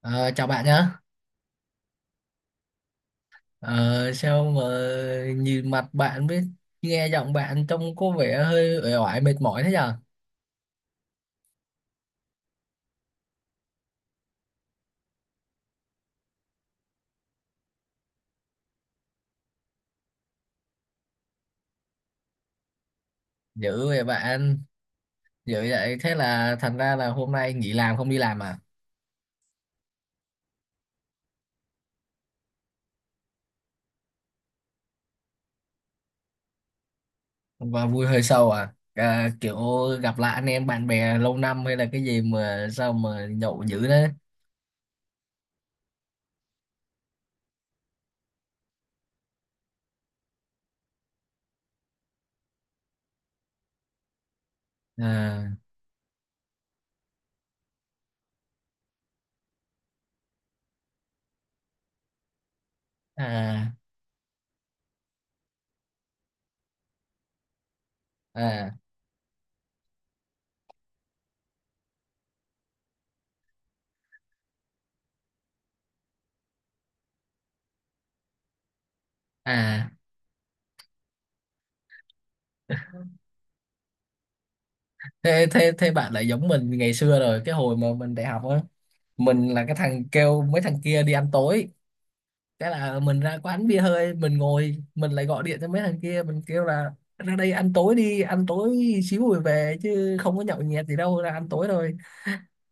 Ờ, chào bạn nhá. Ờ, sao mà nhìn mặt bạn với nghe giọng bạn trông có vẻ hơi uể oải mệt mỏi thế nhờ? Dữ vậy bạn, dữ vậy thế là thành ra là hôm nay nghỉ làm không đi làm à? Và vui hơi sâu à? À, kiểu gặp lại anh em bạn bè lâu năm hay là cái gì mà sao mà nhậu dữ đấy? À, à, à, à. Thế, thế, thế bạn lại giống mình ngày xưa rồi, cái hồi mà mình đại học á. Mình là cái thằng kêu mấy thằng kia đi ăn tối, cái là mình ra quán bia hơi mình ngồi mình lại gọi điện cho mấy thằng kia mình kêu là ra đây ăn tối, đi ăn tối xíu rồi về chứ không có nhậu nhẹt gì đâu, ra ăn tối thôi.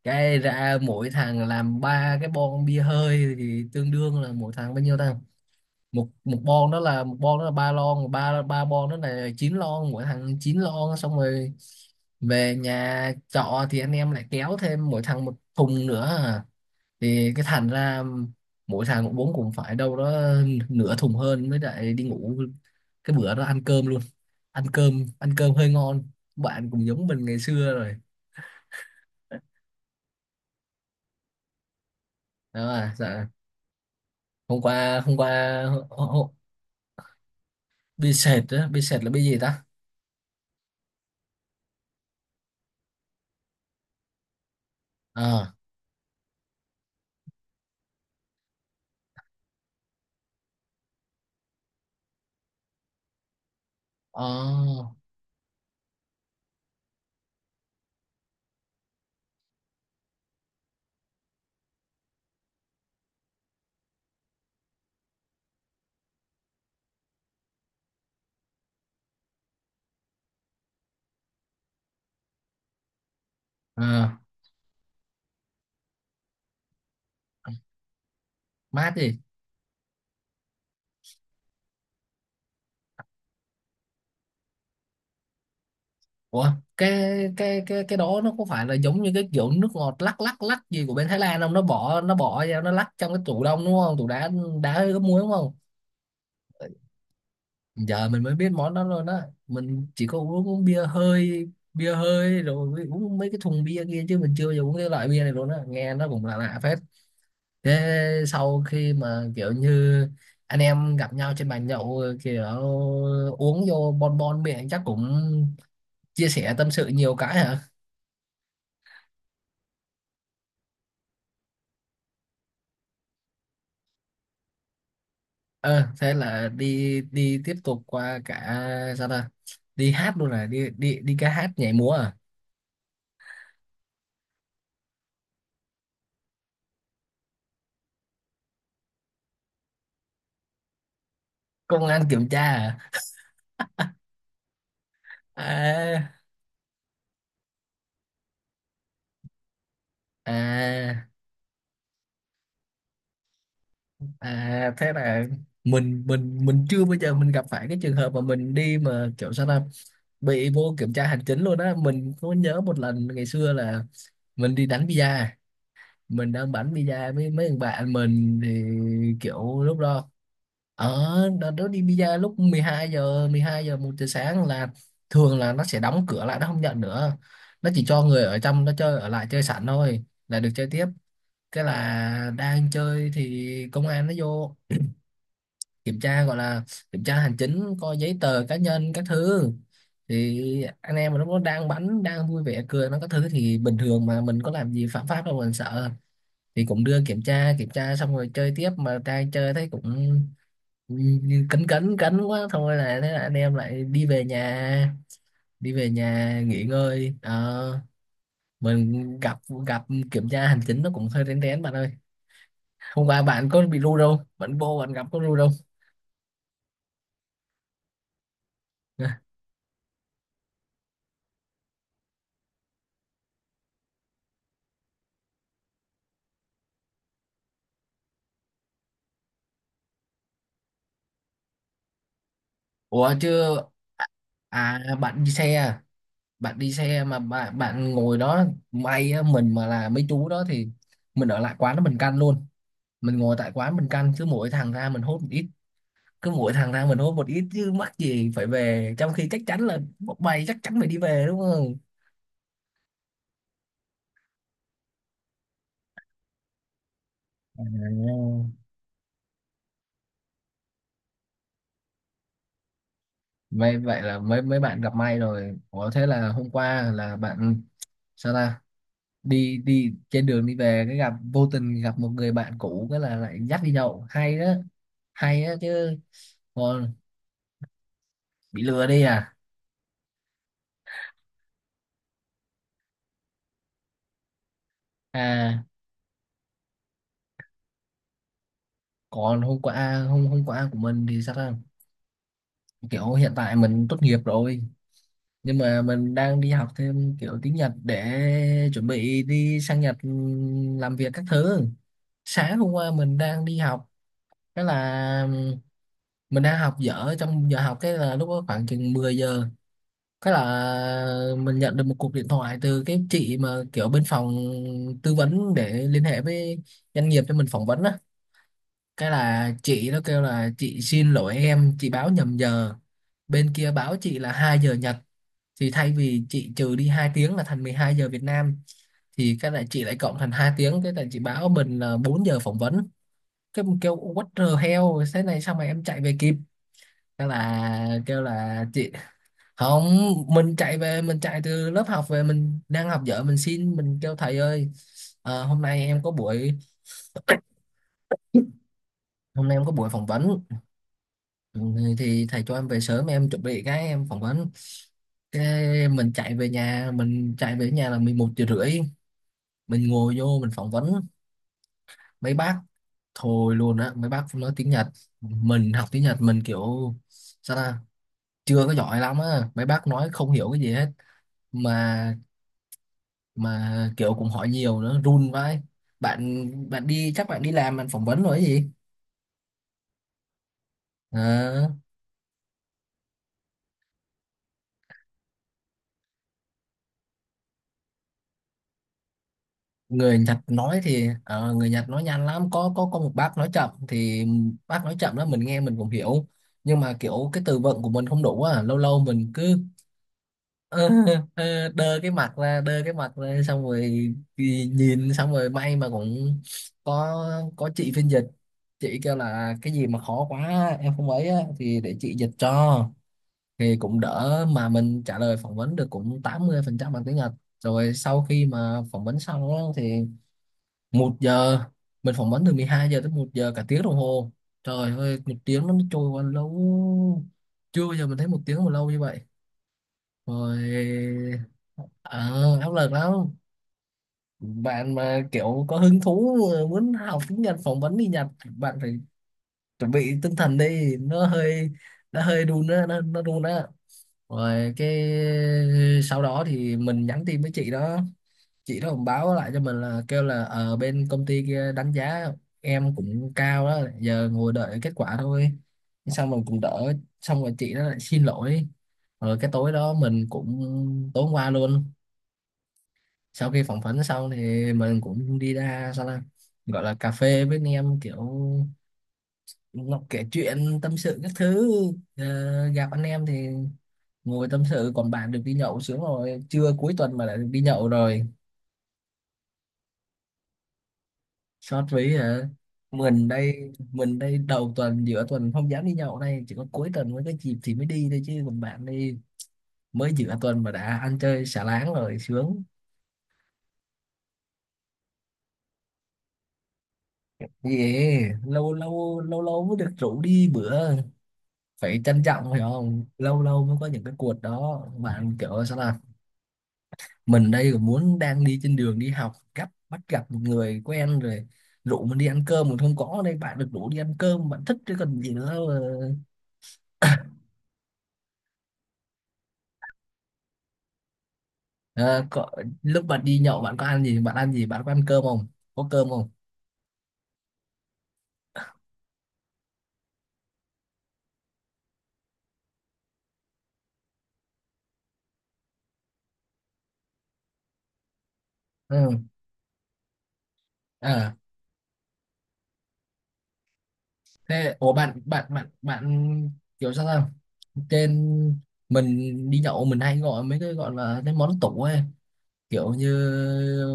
Cái ra mỗi thằng làm ba cái bon bia hơi thì tương đương là mỗi thằng bao nhiêu ta? Một một bon đó là một bon đó là 3 lon, ba ba bon đó là 9 lon, mỗi thằng 9 lon xong rồi về nhà trọ thì anh em lại kéo thêm mỗi thằng một thùng nữa à, thì cái thành ra mỗi thằng cũng bốn cũng phải đâu đó nửa thùng hơn mới lại đi ngủ. Cái bữa đó ăn cơm luôn, ăn cơm hơi ngon. Bạn cũng giống mình ngày xưa rồi. Đó à, dạ. Hôm qua, hôm qua hô- hô- bia sệt á, bia sệt là bia gì ta? ờ ờ ờ Mát gì? Ủa, cái cái đó nó có phải là giống như cái kiểu nước ngọt lắc lắc lắc gì của bên Thái Lan không, nó bỏ nó bỏ vào nó lắc trong cái tủ đông đúng không, tủ đá, đá với cái muối đúng không? Giờ mình mới biết món đó luôn á, mình chỉ có uống bia hơi, bia hơi rồi mới uống mấy cái thùng bia kia chứ mình chưa bao giờ uống cái loại bia này luôn á, nghe nó cũng là lạ lạ phết. Thế sau khi mà kiểu như anh em gặp nhau trên bàn nhậu kiểu uống vô bon bon miệng chắc cũng chia sẻ tâm sự nhiều cái hả? Ờ, thế là đi đi tiếp tục qua cả, sao ta, đi hát luôn, là đi đi đi ca hát nhảy múa à? Công an kiểm tra? À. À. À. À, thế là mình chưa bao giờ mình gặp phải cái trường hợp mà mình đi mà kiểu sao ta bị vô kiểm tra hành chính luôn á. Mình có nhớ một lần ngày xưa là mình đi đánh bida, mình đang bắn bida với mấy thằng bạn mình thì kiểu lúc đó, ở đợt đó đi bida lúc 12 giờ, 12 giờ 1 giờ sáng là thường là nó sẽ đóng cửa lại nó không nhận nữa, nó chỉ cho người ở trong nó chơi ở lại chơi sẵn thôi là được chơi tiếp. Cái là đang chơi thì công an nó vô kiểm tra, gọi là kiểm tra hành chính coi giấy tờ cá nhân các thứ. Thì anh em mà lúc đó đang bắn đang vui vẻ cười nó các thứ thì bình thường, mà mình có làm gì phạm pháp đâu mà mình sợ, thì cũng đưa kiểm tra, kiểm tra xong rồi chơi tiếp. Mà đang chơi thấy cũng như cấn cấn cấn quá thôi là thế là anh em lại đi về nhà, đi về nhà nghỉ ngơi. Ờ, mình gặp, gặp kiểm tra hành chính nó cũng hơi rén rén bạn ơi. Hôm qua bạn có bị ru đâu, bạn vô bạn gặp có ru đâu. Ủa chứ. À, bạn đi xe à? Bạn đi xe mà bạn, bạn ngồi đó, may á. Mình mà là mấy chú đó thì mình ở lại quán đó mình căn luôn, mình ngồi tại quán mình căn cứ mỗi thằng ra mình hốt một ít, cứ mỗi thằng ra mình hốt một ít chứ mắc gì phải về, trong khi chắc chắn là bọn mày chắc chắn phải đi về đúng không? À, vậy vậy là mấy mấy bạn gặp may rồi. Ủa thế là hôm qua là bạn, sao ta, đi đi trên đường đi về cái gặp vô tình gặp một người bạn cũ cái là lại dắt đi nhậu hay đó, hay đó chứ. Còn bị lừa đi à? À, còn hôm qua, hôm hôm qua của mình thì sao ta, kiểu hiện tại mình tốt nghiệp rồi nhưng mà mình đang đi học thêm kiểu tiếng Nhật để chuẩn bị đi sang Nhật, ừ, làm việc các thứ. Sáng hôm qua mình đang đi học, cái là ừ, mình đang học dở trong giờ học, cái là lúc đó khoảng chừng 10 giờ, cái là mình nhận được một cuộc điện thoại từ cái chị mà kiểu bên phòng tư vấn để liên hệ với doanh nghiệp cho mình phỏng vấn á. Cái là chị nó kêu là chị xin lỗi em, chị báo nhầm giờ, bên kia báo chị là 2 giờ Nhật thì thay vì chị trừ đi 2 tiếng là thành 12 giờ Việt Nam thì cái là chị lại cộng thành 2 tiếng, cái là chị báo mình là 4 giờ phỏng vấn. Cái mình kêu what the hell thế này sao mà em chạy về kịp. Cái là kêu là chị không, mình chạy về, mình chạy từ lớp học về, mình đang học dở mình xin, mình kêu thầy ơi, hôm nay em có buổi, hôm nay em có buổi phỏng vấn, ừ, thì thầy cho em về sớm em chuẩn bị cái em phỏng vấn. Cái mình chạy về nhà, mình chạy về nhà là 11 giờ rưỡi, mình ngồi vô mình phỏng vấn mấy bác. Thôi luôn á, mấy bác nói tiếng Nhật, mình học tiếng Nhật mình kiểu sao ta chưa có giỏi lắm á, mấy bác nói không hiểu cái gì hết. mà mà kiểu cũng hỏi nhiều nữa run vai. Bạn, bạn đi chắc bạn đi làm bạn phỏng vấn rồi cái gì. Ờ, người Nhật nói thì người Nhật nói nhanh lắm, có một bác nói chậm thì bác nói chậm đó mình nghe mình cũng hiểu, nhưng mà kiểu cái từ vựng của mình không đủ á, lâu lâu mình cứ ờ, đơ cái mặt ra, đơ cái mặt ra xong rồi thì nhìn xong rồi, may mà cũng có có chị phiên dịch, chị kêu là cái gì mà khó quá em không ấy á, thì để chị dịch cho, thì cũng đỡ, mà mình trả lời phỏng vấn được cũng 80% bằng tiếng Nhật. Rồi sau khi mà phỏng vấn xong á, thì một giờ, mình phỏng vấn từ 12 giờ tới 1 giờ, cả tiếng đồng hồ, trời ơi, một tiếng nó trôi qua lâu, chưa bao giờ mình thấy một tiếng mà lâu như vậy, rồi. À, áp lực lắm. Bạn mà kiểu có hứng thú muốn học tiếng Nhật phỏng vấn đi Nhật, bạn phải chuẩn bị tinh thần đi, nó hơi, nó hơi đun á, nó đun á. Rồi cái sau đó thì mình nhắn tin với chị đó, chị đó cũng báo lại cho mình là kêu là ở bên công ty kia đánh giá em cũng cao đó, giờ ngồi đợi kết quả thôi, xong mình cũng đỡ. Xong rồi chị đó lại xin lỗi. Rồi cái tối đó mình cũng, tối hôm qua luôn, sau khi phỏng vấn xong thì mình cũng đi ra, sao là, gọi là cà phê với anh em kiểu, nó kể chuyện tâm sự các thứ. Ờ, gặp anh em thì ngồi tâm sự, còn bạn được đi nhậu sướng rồi, trưa cuối tuần mà lại được đi nhậu rồi. Sót ví hả? Mình đây, mình đây đầu tuần giữa tuần không dám đi nhậu đây, chỉ có cuối tuần mới có dịp thì mới đi thôi, chứ còn bạn đi mới giữa tuần mà đã ăn chơi xả láng rồi, sướng gì. Lâu lâu, lâu lâu mới được rủ đi bữa phải trân trọng phải không, lâu lâu mới có những cái cuộc đó bạn, kiểu sao là mình đây còn muốn đang đi trên đường đi học gấp bắt gặp một người quen rồi rủ mình đi ăn cơm mình không có. Ở đây bạn được rủ đi ăn cơm bạn thích chứ còn gì nữa mà. Ờ, có, lúc bạn đi nhậu bạn có ăn gì, bạn ăn gì, bạn có ăn cơm không, có cơm không? Ừ. Ờ, thế ủa bạn, bạn kiểu sao không, trên, mình đi nhậu mình hay gọi mấy cái gọi là cái món tủ ấy, kiểu như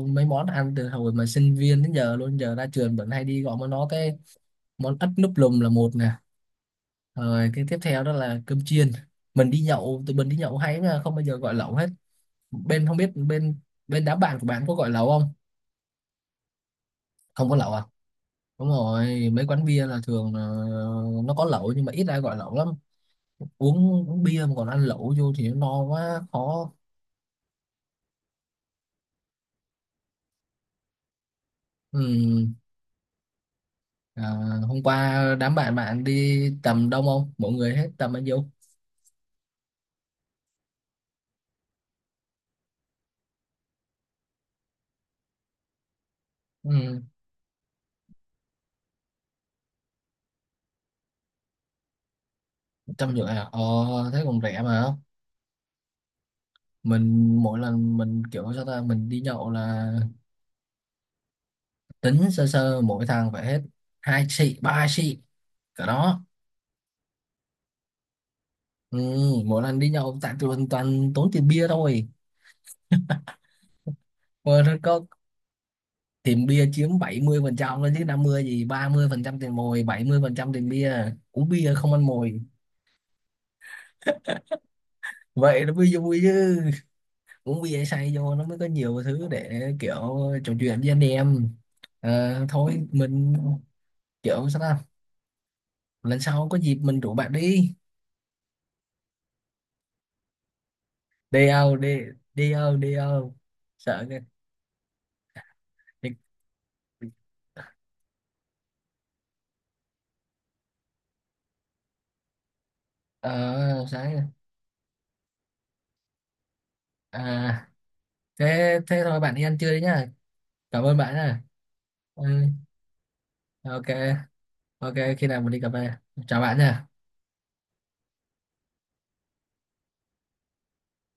mấy món ăn từ hồi mà sinh viên đến giờ luôn, giờ ra trường vẫn hay đi gọi món nó cái. Món ất núp lùm là một nè, rồi cái tiếp theo đó là cơm chiên. Mình đi nhậu, tụi mình đi nhậu hay mà không bao giờ gọi lẩu hết. Bên không biết bên bên đám bạn của bạn có gọi lẩu không không có lẩu à Đúng rồi, mấy quán bia là thường là nó có lẩu nhưng mà ít ai gọi lẩu lắm. Uống, uống bia mà còn ăn lẩu vô thì nó no quá, khó. Ừ. À, hôm qua đám bạn bạn đi tầm đông không? Mọi người hết tầm bao nhiêu? Ừ. Trăm rưỡi à? Ờ, thế còn rẻ mà. Mình mỗi lần mình kiểu sao ta, mình đi nhậu là tính sơ sơ mỗi thằng phải hết hai xị, ba xị. Cả đó. Ừ, mỗi lần đi nhậu tại tụi mình toàn tốn tiền bia thôi. Mà có tiền bia chiếm 70% đó chứ, 50 gì, 30% tiền mồi, 70% tiền bia, uống bia không ăn mồi vậy nó mới vui chứ. Uống bia say vô nó mới có nhiều thứ để kiểu trò chuyện với anh em. Ờ, thôi mình kiểu sao ta lần sau có dịp mình rủ bạn đi. Đi đâu đi, đi đâu, đi đâu? Sợ kìa. Đi-. Ờ sáng, à thế thế thôi bạn đi ăn trưa đi nhá, cảm ơn bạn nha. Ừ, ok. Ok khi nào mình đi cà phê, chào bạn nha.